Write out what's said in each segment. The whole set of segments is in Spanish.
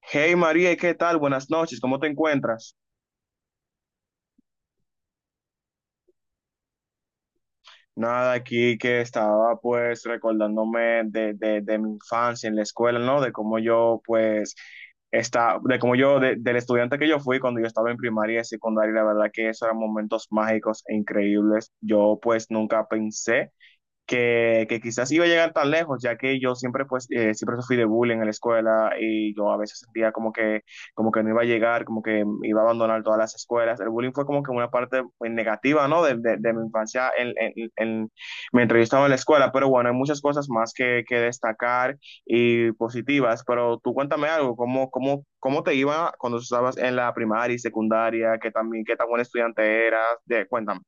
Hey María, ¿qué tal? Buenas noches, ¿cómo te encuentras? Nada, aquí que estaba pues recordándome de mi infancia en la escuela, ¿no? De cómo yo pues está, de cómo yo, Del estudiante que yo fui cuando yo estaba en primaria y secundaria, la verdad que esos eran momentos mágicos e increíbles. Yo pues nunca pensé que quizás iba a llegar tan lejos, ya que yo siempre, pues, siempre sufrí de bullying en la escuela y yo a veces sentía como que no iba a llegar, como que iba a abandonar todas las escuelas. El bullying fue como que una parte pues, negativa, ¿no? De mi infancia mientras yo estaba en la escuela, pero bueno, hay muchas cosas más que destacar y positivas, pero tú cuéntame algo, ¿cómo, te iba cuando estabas en la primaria y secundaria? ¿Qué también, qué tan buen estudiante eras? Cuéntame.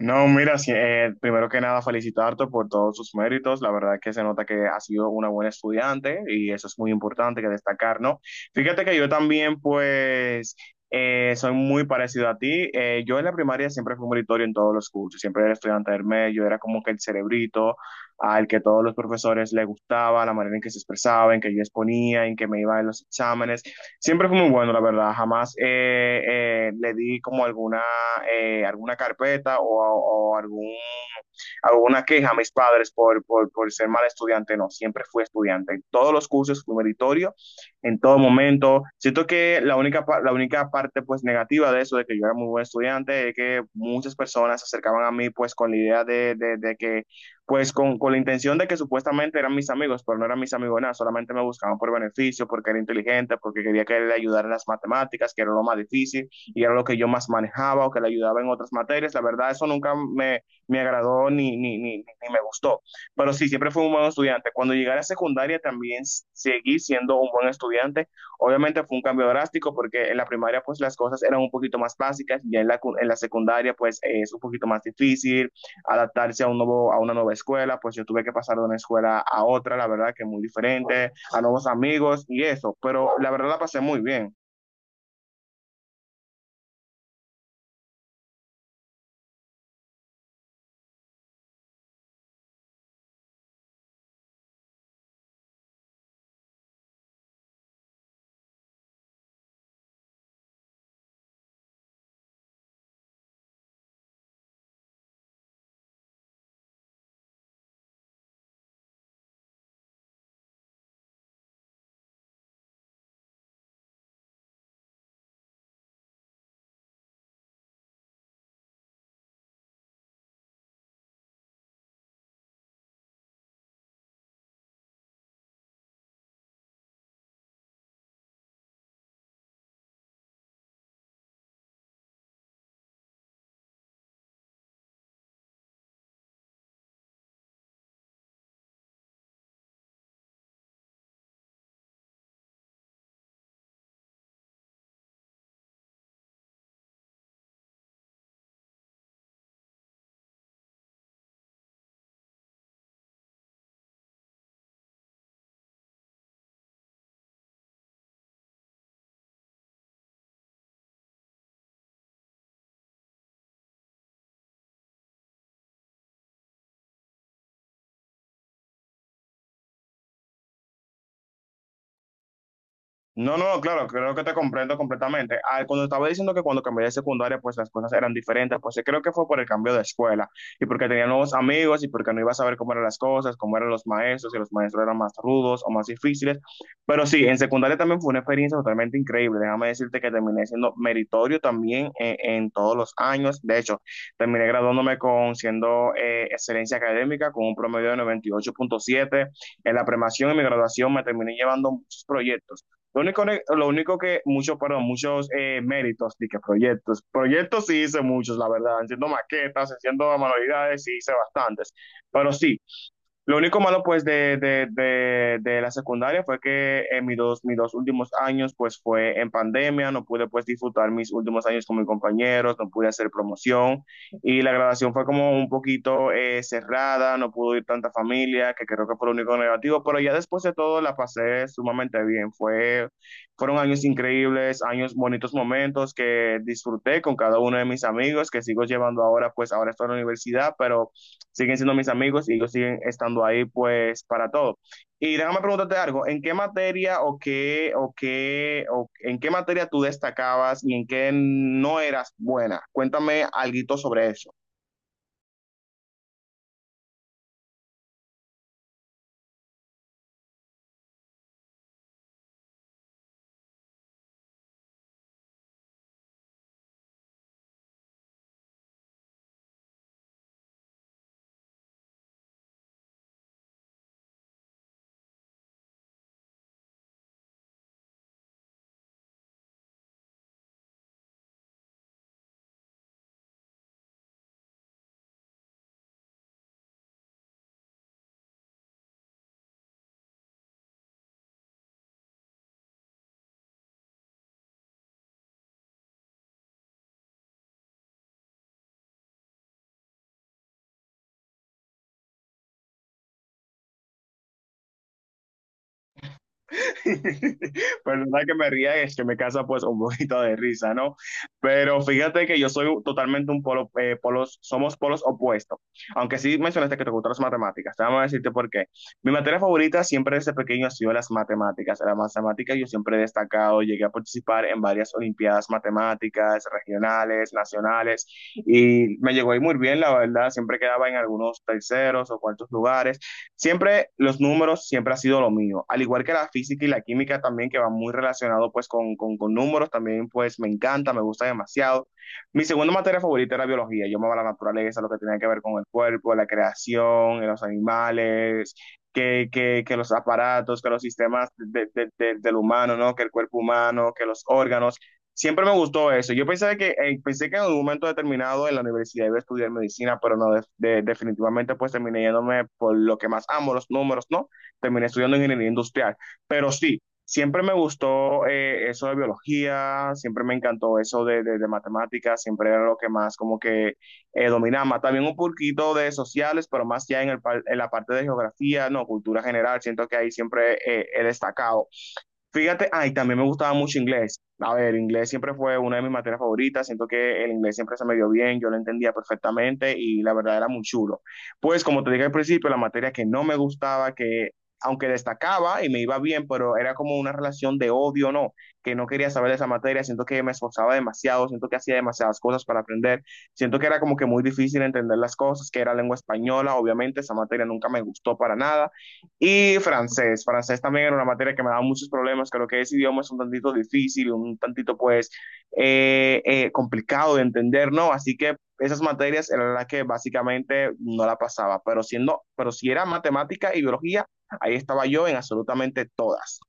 No, mira, sí, primero que nada felicitarte por todos tus méritos. La verdad que se nota que has sido una buena estudiante y eso es muy importante que destacar, ¿no? Fíjate que yo también, pues, soy muy parecido a ti. Yo en la primaria siempre fui meritorio en todos los cursos, siempre era estudiante del medio, era como que el cerebrito al que todos los profesores le gustaba, la manera en que se expresaba, en que yo exponía, en que me iba en los exámenes. Siempre fue muy bueno, la verdad. Jamás le di como alguna, alguna carpeta o alguna queja a mis padres por ser mal estudiante. No, siempre fui estudiante. En todos los cursos fui meritorio, en todo momento. Siento que la única parte pues negativa de eso, de que yo era muy buen estudiante, es que muchas personas se acercaban a mí pues con la idea de que pues con la intención de que supuestamente eran mis amigos, pero no eran mis amigos nada, solamente me buscaban por beneficio, porque era inteligente, porque quería que le ayudara en las matemáticas, que era lo más difícil y era lo que yo más manejaba o que le ayudaba en otras materias. La verdad, eso nunca me agradó ni me gustó. Pero sí, siempre fui un buen estudiante. Cuando llegué a la secundaria también seguí siendo un buen estudiante. Obviamente fue un cambio drástico porque en la primaria pues las cosas eran un poquito más básicas y en la secundaria pues es un poquito más difícil, adaptarse a una nueva escuela, pues yo tuve que pasar de una escuela a otra, la verdad que muy diferente, a nuevos amigos y eso, pero la verdad la pasé muy bien. No, no, claro, creo que te comprendo completamente. Ah, cuando estaba diciendo que cuando cambié de secundaria, pues las cosas eran diferentes, pues sí, creo que fue por el cambio de escuela y porque tenía nuevos amigos y porque no iba a saber cómo eran las cosas, cómo eran los maestros, si los maestros eran más rudos o más difíciles. Pero sí, en secundaria también fue una experiencia totalmente increíble. Déjame decirte que terminé siendo meritorio también en todos los años. De hecho, terminé graduándome con siendo excelencia académica con un promedio de 98,7. En la premación y mi graduación me terminé llevando muchos proyectos. Lo único, lo único, muchos, perdón, muchos méritos, y que proyectos. Proyectos sí hice muchos, la verdad, haciendo maquetas, haciendo manualidades, sí hice bastantes. Pero sí, lo único malo pues de la secundaria fue que en mis dos últimos años pues fue en pandemia, no pude pues disfrutar mis últimos años con mis compañeros, no pude hacer promoción y la graduación fue como un poquito cerrada, no pudo ir tanta familia, que creo que fue lo único negativo, pero ya después de todo la pasé sumamente bien, fueron años increíbles, años bonitos momentos que disfruté con cada uno de mis amigos que sigo llevando ahora pues ahora estoy en la universidad, pero siguen siendo mis amigos y ellos siguen estando ahí pues para todo. Y déjame preguntarte algo, ¿en qué materia tú destacabas y en qué no eras buena? Cuéntame algo sobre eso. Perdona que me ría, es que me casa pues un poquito de risa, ¿no? Pero fíjate que yo soy totalmente polos, somos polos opuestos. Aunque sí mencionaste que te gustan las matemáticas, te vamos a decirte por qué. Mi materia favorita siempre desde pequeño ha sido las matemáticas. En las matemáticas yo siempre he destacado, llegué a participar en varias olimpiadas matemáticas, regionales, nacionales, y me llegó ahí muy bien, la verdad, siempre quedaba en algunos terceros o cuartos lugares. Siempre los números siempre ha sido lo mío, al igual que la física y la química también que van muy relacionado pues con números, también pues me encanta, me gusta demasiado. Mi segunda materia favorita era biología, yo amaba la naturaleza, lo que tenía que ver con el cuerpo, la creación, los animales, que los aparatos, que los sistemas del humano, ¿no? Que el cuerpo humano, que los órganos. Siempre me gustó eso. Yo pensé que en un momento determinado en la universidad iba a estudiar medicina, pero no, definitivamente pues terminé yéndome por lo que más amo, los números, ¿no? Terminé estudiando ingeniería industrial. Pero sí, siempre me gustó eso de biología, siempre me encantó eso de matemáticas, siempre era lo que más como que dominaba. También un poquito de sociales, pero más ya en la parte de geografía, no, cultura general. Siento que ahí siempre he destacado. Fíjate, ay, también me gustaba mucho inglés. A ver, inglés siempre fue una de mis materias favoritas. Siento que el inglés siempre se me dio bien, yo lo entendía perfectamente y la verdad era muy chulo. Pues, como te dije al principio, la materia que no me gustaba, que aunque destacaba y me iba bien, pero era como una relación de odio, ¿no? Que no quería saber de esa materia. Siento que me esforzaba demasiado, siento que hacía demasiadas cosas para aprender. Siento que era como que muy difícil entender las cosas, que era lengua española. Obviamente, esa materia nunca me gustó para nada. Y francés, francés también era una materia que me daba muchos problemas, creo que ese idioma es un tantito difícil, un tantito pues complicado de entender, ¿no? Así que esas materias eran las que básicamente no la pasaba, pero si era matemática y biología, ahí estaba yo en absolutamente todas.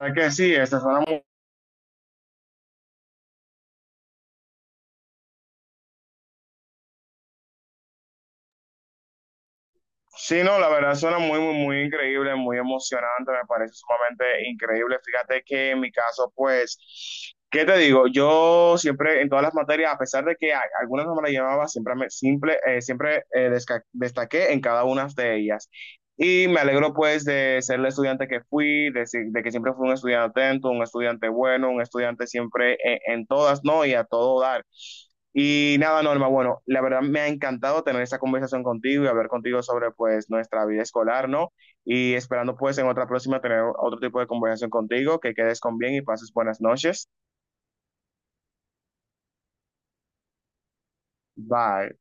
Es que sí, esas eran. Sí, no, la verdad suena muy, muy, muy increíble, muy emocionante, me parece sumamente increíble. Fíjate que en mi caso, pues, ¿qué te digo? Yo siempre en todas las materias, a pesar de que algunas no me las llevaba, siempre, me, simple, siempre desca- destaqué en cada una de ellas. Y me alegro, pues, de ser el estudiante que fui, de, si- de que siempre fui un estudiante atento, un estudiante bueno, un estudiante siempre en todas, ¿no? Y a todo dar. Y nada, Norma, bueno, la verdad me ha encantado tener esta conversación contigo y hablar contigo sobre pues nuestra vida escolar, ¿no? Y esperando pues en otra próxima tener otro tipo de conversación contigo, que quedes con bien y pases buenas noches. Bye.